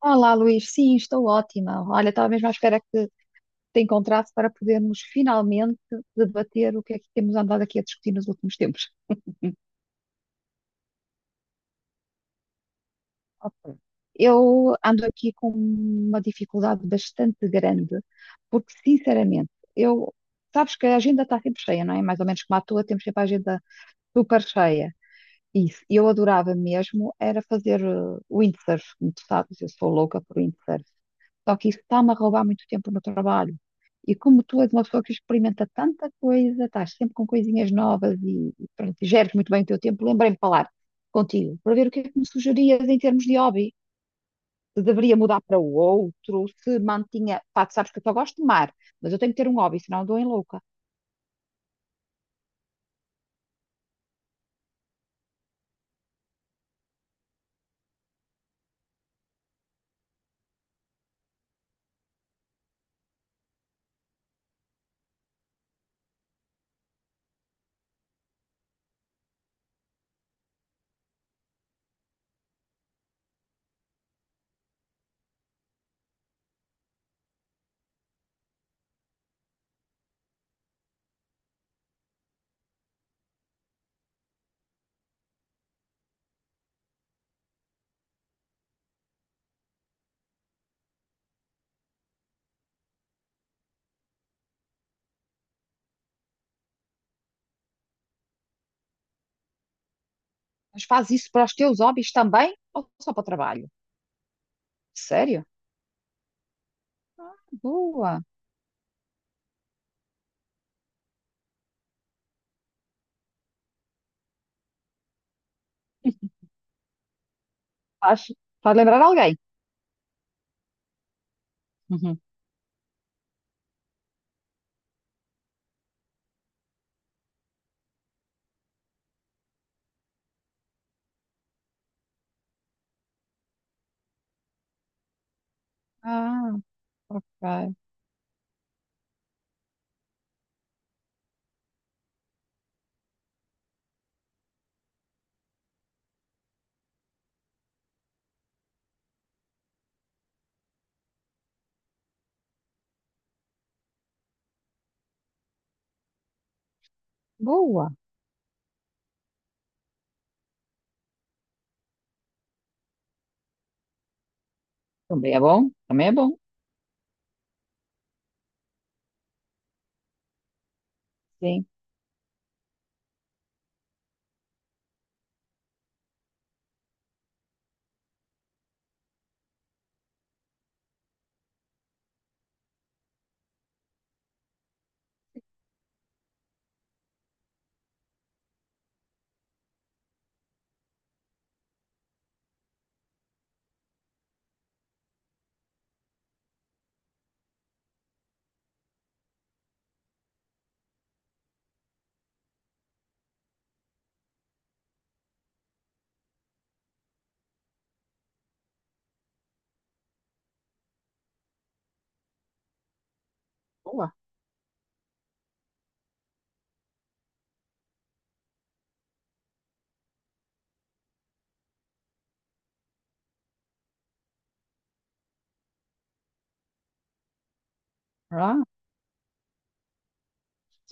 Olá, Luís. Sim, estou ótima. Olha, estava mesmo à espera que te encontrasse para podermos finalmente debater o que é que temos andado aqui a discutir nos últimos tempos. Ok. Eu ando aqui com uma dificuldade bastante grande, porque, sinceramente, eu. Sabes que a agenda está sempre cheia, não é? Mais ou menos como a tua, temos sempre a agenda super cheia. Isso, eu adorava mesmo era fazer windsurf, como tu sabes, eu sou louca por windsurf. Só que isso está-me a roubar muito tempo no trabalho. E como tu és uma pessoa que experimenta tanta coisa, estás sempre com coisinhas novas e pronto, e geres muito bem o teu tempo, lembrei-me de falar contigo para ver o que é que me sugerias em termos de hobby. Se deveria mudar para o outro, se mantinha. Pá, tu sabes que eu só gosto de mar, mas eu tenho que ter um hobby, senão eu dou em louca. Mas faz isso para os teus hobbies também ou só para o trabalho? Sério? Boa! Faz, faz lembrar alguém. Uhum. Ah, ok. Boa. Também é bom. Também é bom. Sim. Boa.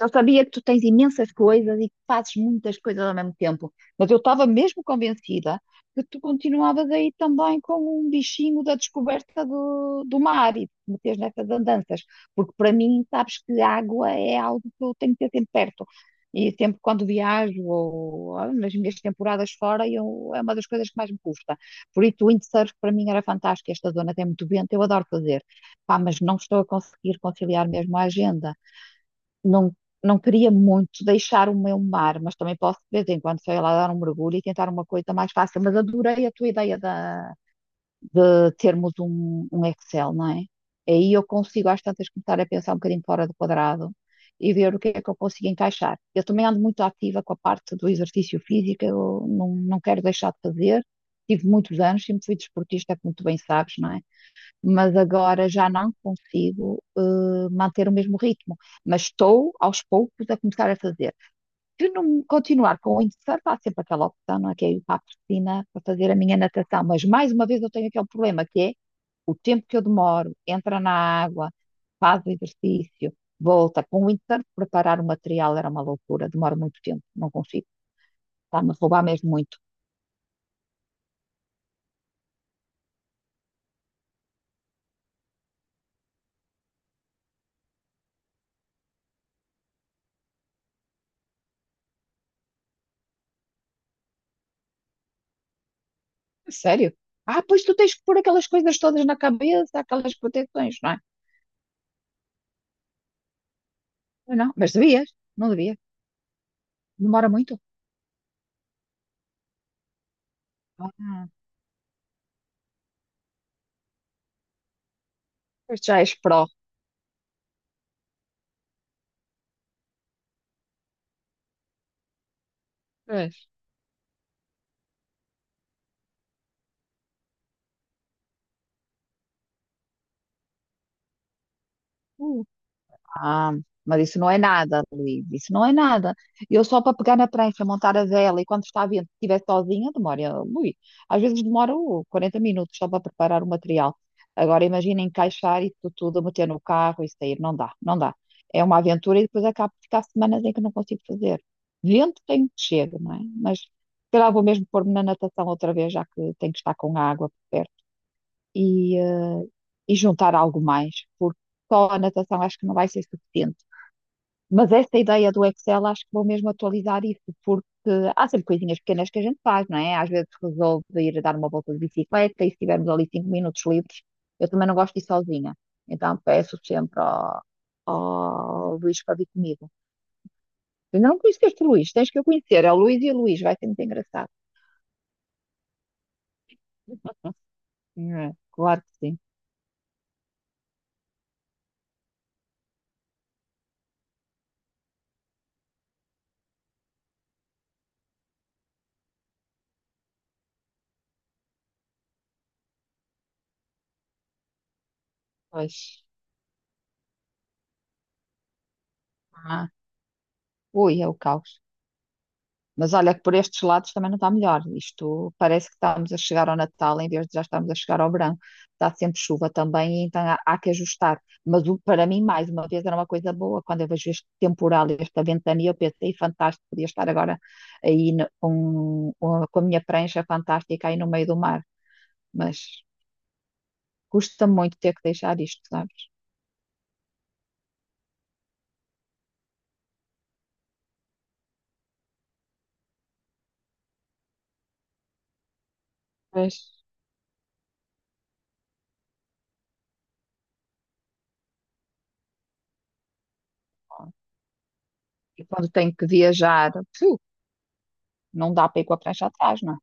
Eu sabia que tu tens imensas coisas e que fazes muitas coisas ao mesmo tempo, mas eu estava mesmo convencida que tu continuavas aí também com um bichinho da descoberta do mar e de te meteres nessas andanças, porque para mim, sabes que a água é algo que eu tenho que ter sempre perto. E sempre quando viajo ou nas minhas temporadas fora, eu, é uma das coisas que mais me custa. Por isso, o windsurf para mim era fantástico. Esta zona tem muito vento, eu adoro fazer. Pá, mas não estou a conseguir conciliar mesmo a agenda não, não queria muito deixar o meu mar, mas também posso de vez em quando sair lá dar um mergulho e tentar uma coisa mais fácil. Mas adorei a tua ideia de termos um Excel, não é? Aí eu consigo às tantas começar a pensar um bocadinho fora do quadrado e ver o que é que eu consigo encaixar. Eu também ando muito ativa com a parte do exercício físico, eu não quero deixar de fazer. Tive muitos anos, sempre fui desportista, como tu bem sabes, não é? Mas agora já não consigo manter o mesmo ritmo. Mas estou aos poucos a começar a fazer. Se não continuar com o windsurf, há sempre aquela opção, não é? Que é ir para a piscina para fazer a minha natação. Mas mais uma vez eu tenho aquele problema que é o tempo que eu demoro, entra na água, faz o exercício, volta. Com o windsurf, preparar o material era uma loucura, demora muito tempo, não consigo. Está-me a roubar mesmo muito. Sério? Ah, pois tu tens que pôr aquelas coisas todas na cabeça, aquelas proteções, não é? Ah, não, mas devias, não devias. Demora muito. Ah, pois já és pró. Pois. Ah, mas isso não é nada, Luís, isso não é nada. Eu só para pegar na prancha, montar a vela e quando está a vento, se estiver sozinha, demora, ui, às vezes demora 40 minutos só para preparar o material. Agora imagina encaixar isso tudo, meter no carro e sair, não dá, não dá. É uma aventura e depois acabo de ficar semanas em que não consigo fazer. Vento tenho que chego, não é? Mas se calhar vou mesmo pôr-me na natação outra vez, já que tenho que estar com a água por perto e, eh, e juntar algo mais, porque só a natação acho que não vai ser suficiente mas esta ideia do Excel, acho que vou mesmo atualizar isso, porque há sempre coisinhas pequenas que a gente faz, não é? Às vezes resolve ir dar uma volta de bicicleta e se tivermos ali cinco minutos livres, eu também não gosto de ir sozinha. Então peço sempre ao Luís para vir comigo. Eu ainda não conheço este Luís, tens que eu conhecer. É o Luís e o Luís, vai ser muito engraçado. Claro que sim. Pois. Ah. Ui, é o caos. Mas olha que por estes lados também não está melhor. Isto parece que estamos a chegar ao Natal em vez de já estamos a chegar ao verão. Está sempre chuva também, então há que ajustar. Mas para mim, mais uma vez, era uma coisa boa. Quando eu vejo este temporal, esta ventania, eu pensei, fantástico, podia estar agora aí com a minha prancha fantástica aí no meio do mar. Mas custa muito ter que deixar isto, sabes? Mas, E quando tenho que viajar, pfiu, não dá para ir com a prancha atrás, não é?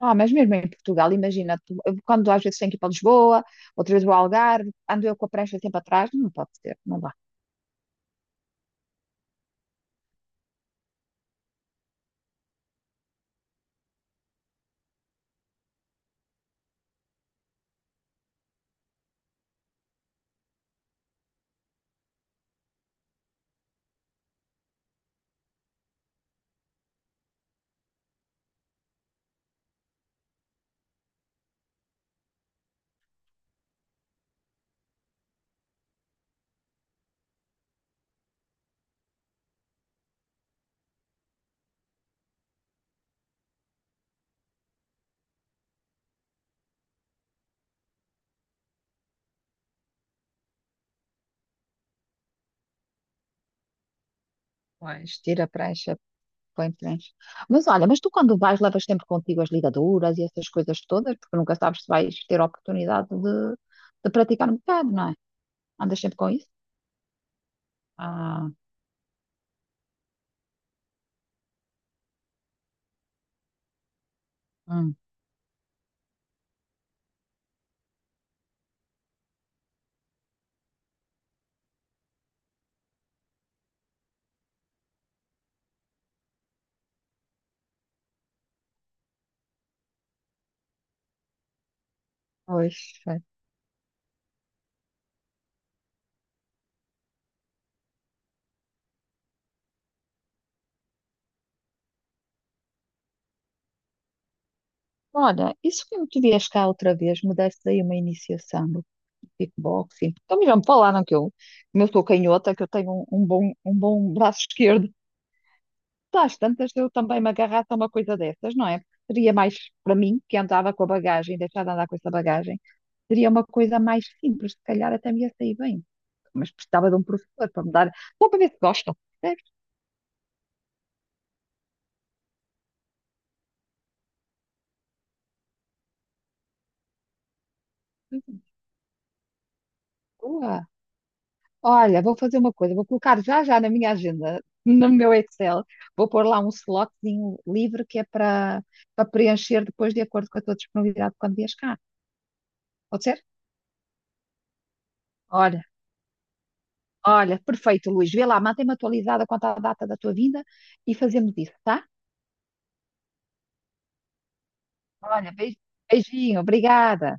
Ah, mas mesmo em Portugal, imagina, eu, quando às vezes tenho que ir para Lisboa, outras vezes vou ao Algarve, ando eu com a prancha sempre atrás, não pode ser, não dá. Vais, tira a prancha, põe prancha. Mas olha, mas tu quando vais levas sempre contigo as ligaduras e essas coisas todas, porque nunca sabes se vais ter a oportunidade de praticar um bocado, não é? Andas sempre com isso? Ah, hum, pois, é. Olha, isso que me tu vieste cá outra vez, me deste aí uma iniciação. Kickboxing. Então me vamos falar, não que eu, como eu sou canhota, que eu tenho um bom braço esquerdo. Às tantas, eu também me agarrasse a uma coisa dessas, não é? Porque seria mais para mim, que andava com a bagagem, deixar de andar com essa bagagem, seria uma coisa mais simples, se calhar até me ia sair bem. Mas precisava de um professor para me dar, só para ver se gostam. Percebes? Boa. Olha, vou fazer uma coisa, vou colocar já já na minha agenda, no meu Excel, vou pôr lá um slotzinho livre que é para preencher depois de acordo com a tua disponibilidade quando vies cá. Pode ser? Olha, olha, perfeito, Luís. Vê lá, mantém-me atualizada quanto à data da tua vinda e fazemos isso, tá? Olha, beijinho, obrigada.